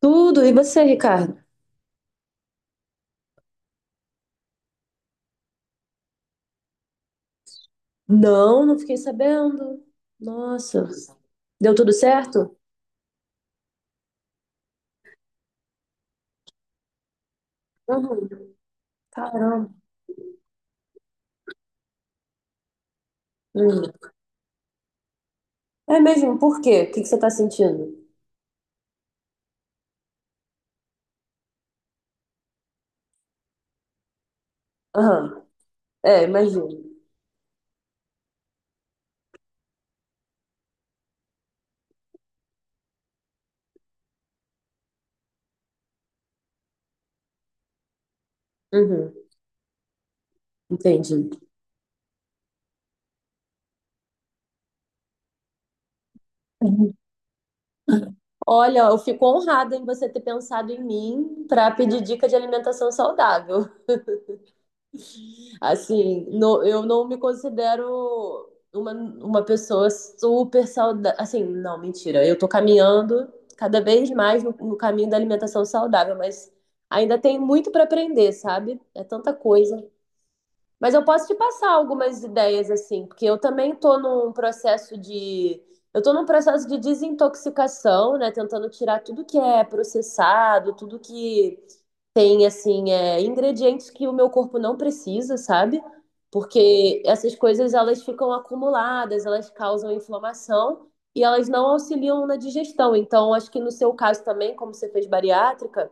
Tudo. E você, Ricardo? Não, não fiquei sabendo. Nossa. Deu tudo certo? Uhum. Caramba. Uhum. É mesmo? Por quê? O que você tá sentindo? Aham. É, imagino. Uhum. Entendi. Uhum. Olha, eu fico honrada em você ter pensado em mim para pedir dica de alimentação saudável. Assim, eu não me considero uma pessoa super saudável. Assim, não, mentira. Eu tô caminhando cada vez mais no caminho da alimentação saudável, mas ainda tem muito para aprender, sabe? É tanta coisa. Mas eu posso te passar algumas ideias, assim, porque eu também tô num processo de. Eu tô num processo de desintoxicação, né? Tentando tirar tudo que é processado, tudo que tem assim ingredientes que o meu corpo não precisa, sabe? Porque essas coisas elas ficam acumuladas, elas causam inflamação e elas não auxiliam na digestão. Então, acho que no seu caso também, como você fez bariátrica,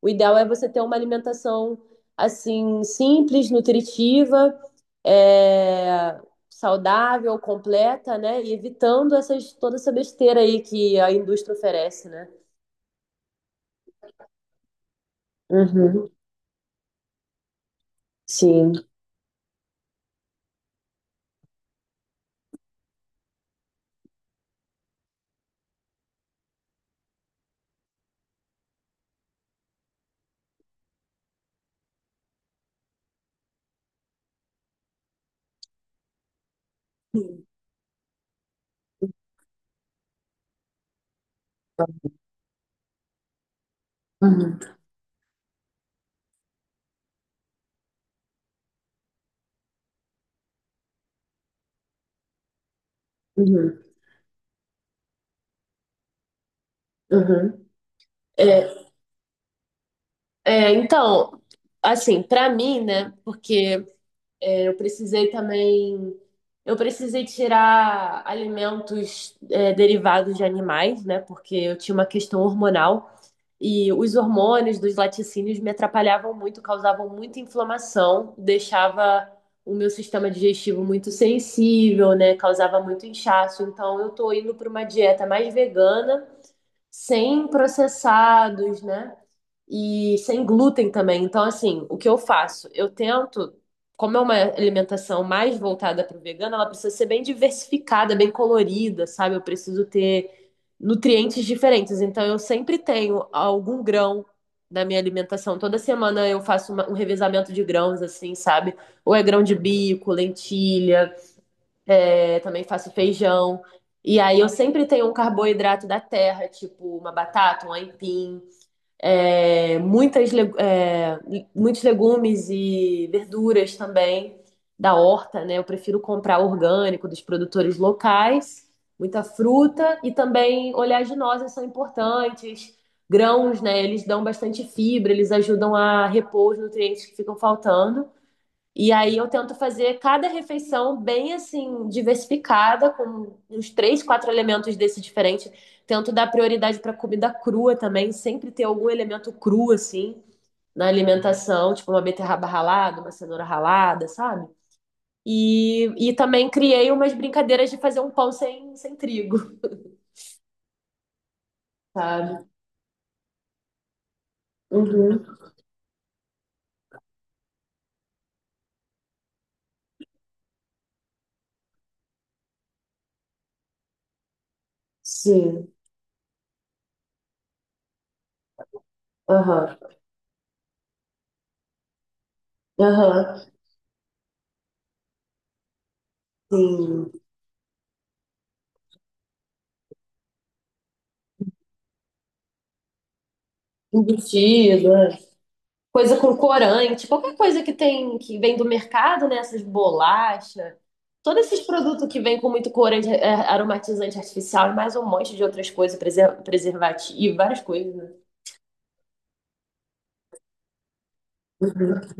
o ideal é você ter uma alimentação assim simples, nutritiva, é, saudável, completa, né? E evitando essas toda essa besteira aí que a indústria oferece, né? Uhum, sim. Uhum, uhum. Uhum. É, então, assim, pra mim, né? Porque eu precisei também, eu precisei tirar alimentos derivados de animais, né? Porque eu tinha uma questão hormonal e os hormônios dos laticínios me atrapalhavam muito, causavam muita inflamação, deixava o meu sistema digestivo muito sensível, né? Causava muito inchaço. Então, eu tô indo pra uma dieta mais vegana, sem processados, né? E sem glúten também. Então, assim, o que eu faço? Eu tento, como é uma alimentação mais voltada para o vegano, ela precisa ser bem diversificada, bem colorida, sabe? Eu preciso ter nutrientes diferentes. Então, eu sempre tenho algum grão na minha alimentação. Toda semana eu faço um revezamento de grãos, assim, sabe? Ou é grão de bico, lentilha, também faço feijão. E aí eu sempre tenho um carboidrato da terra, tipo uma batata, um aipim, muitas, muitos legumes e verduras também da horta, né? Eu prefiro comprar orgânico dos produtores locais, muita fruta e também oleaginosas são importantes. Grãos, né? Eles dão bastante fibra, eles ajudam a repor os nutrientes que ficam faltando. E aí eu tento fazer cada refeição bem assim, diversificada, com uns três, quatro elementos desse diferente. Tento dar prioridade para comida crua também, sempre ter algum elemento cru assim na alimentação, tipo uma beterraba ralada, uma cenoura ralada, sabe? E também criei umas brincadeiras de fazer um pão sem trigo, sabe? Uhum. Sim. Aham. Aham. Sim. Embutido, é. Coisa com corante, qualquer coisa que tem que vem do mercado, né? Essas bolachas, todos esses produtos que vêm com muito corante, aromatizante artificial e mais um monte de outras coisas, preservativo, várias coisas, né? Uhum,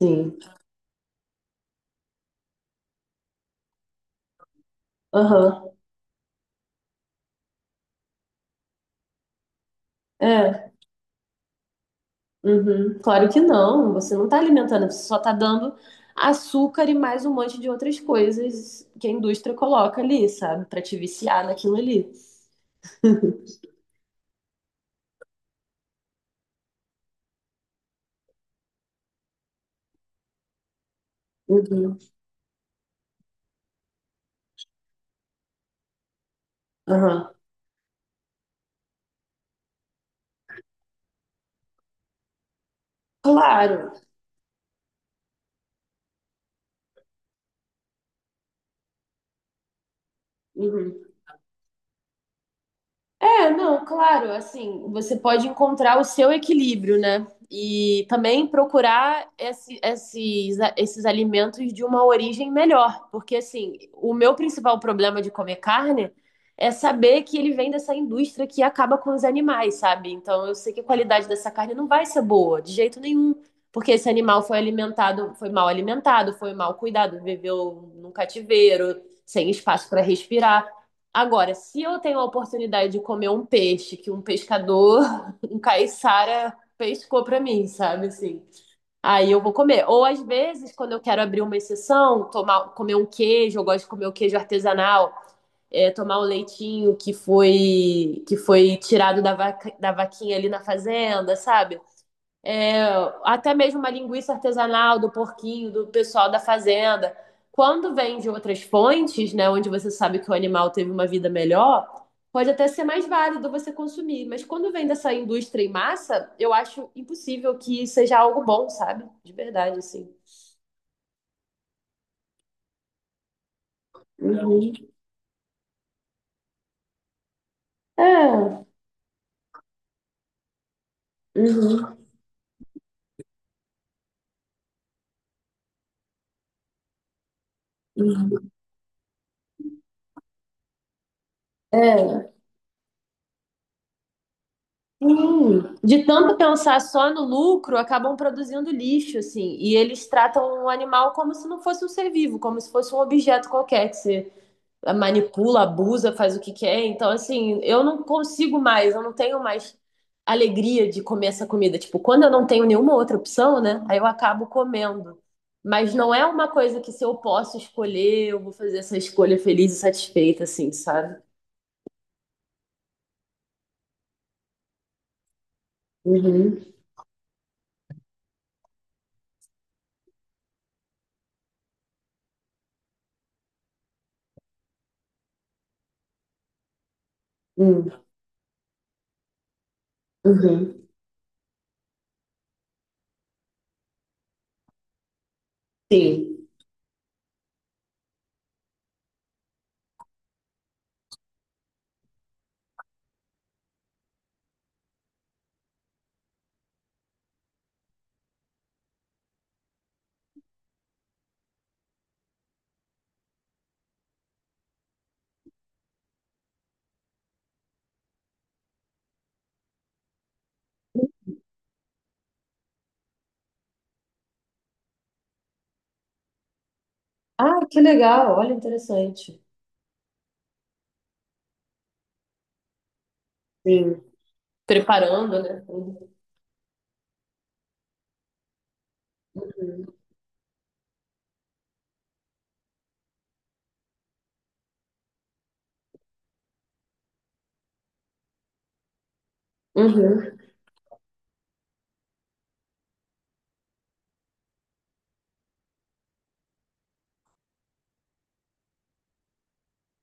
sim. Aham. É. Uhum. Claro que não. Você não está alimentando, você só está dando açúcar e mais um monte de outras coisas que a indústria coloca ali, sabe? Para te viciar naquilo ali. Uhum. Aham. Claro. Uhum. É, não, claro, assim, você pode encontrar o seu equilíbrio, né? E também procurar esses, esses alimentos de uma origem melhor. Porque, assim, o meu principal problema de comer carne é saber que ele vem dessa indústria que acaba com os animais, sabe? Então, eu sei que a qualidade dessa carne não vai ser boa, de jeito nenhum. Porque esse animal foi alimentado, foi mal cuidado, viveu num cativeiro, sem espaço para respirar. Agora, se eu tenho a oportunidade de comer um peixe que um pescador, um caiçara pescou pra mim, sabe assim? Aí eu vou comer. Ou às vezes, quando eu quero abrir uma exceção, comer um queijo, eu gosto de comer o queijo artesanal, tomar o leitinho que foi tirado da vaca, da vaquinha ali na fazenda, sabe? Até mesmo uma linguiça artesanal do porquinho, do pessoal da fazenda. Quando vem de outras fontes, né, onde você sabe que o animal teve uma vida melhor, pode até ser mais válido você consumir. Mas quando vem dessa indústria em massa, eu acho impossível que seja algo bom, sabe? De verdade, assim. Uhum. É. Uhum. Uhum. É. Sim, de tanto pensar só no lucro, acabam produzindo lixo, assim, e eles tratam o animal como se não fosse um ser vivo, como se fosse um objeto qualquer que você manipula, abusa, faz o que quer. Então, assim, eu não consigo mais, eu não tenho mais alegria de comer essa comida. Tipo, quando eu não tenho nenhuma outra opção, né, aí eu acabo comendo. Mas não é uma coisa que se eu posso escolher, eu vou fazer essa escolha feliz e satisfeita, assim, sabe? Uhum, uhum, uhum. Sim. Ah, que legal, olha, interessante. Sim, preparando, né? Tudo. Uhum,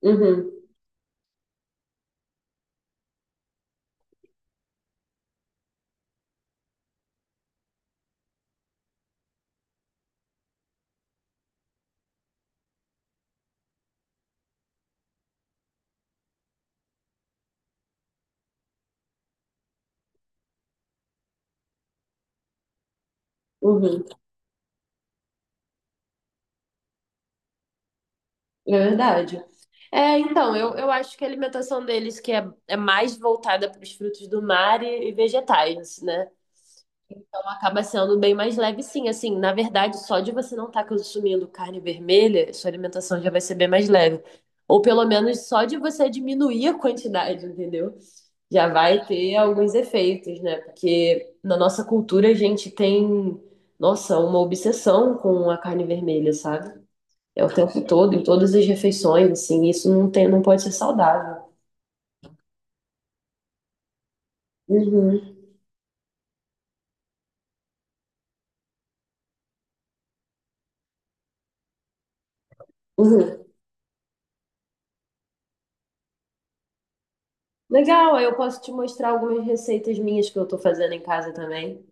uhum, uhum. É verdade. É, então, eu acho que a alimentação deles é mais voltada para os frutos do mar e vegetais, né? Então acaba sendo bem mais leve, sim. Assim, na verdade, só de você não estar consumindo carne vermelha, sua alimentação já vai ser bem mais leve. Ou pelo menos só de você diminuir a quantidade, entendeu? Já vai ter alguns efeitos, né? Porque na nossa cultura a gente tem, nossa, uma obsessão com a carne vermelha, sabe? É o tempo todo, em todas as refeições, assim, isso não tem, não pode ser saudável. Uhum, uhum. Legal, aí eu posso te mostrar algumas receitas minhas que eu tô fazendo em casa também.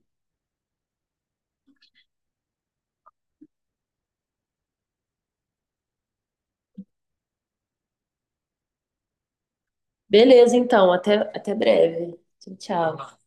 Beleza, então, até, até breve. Tchau, tchau.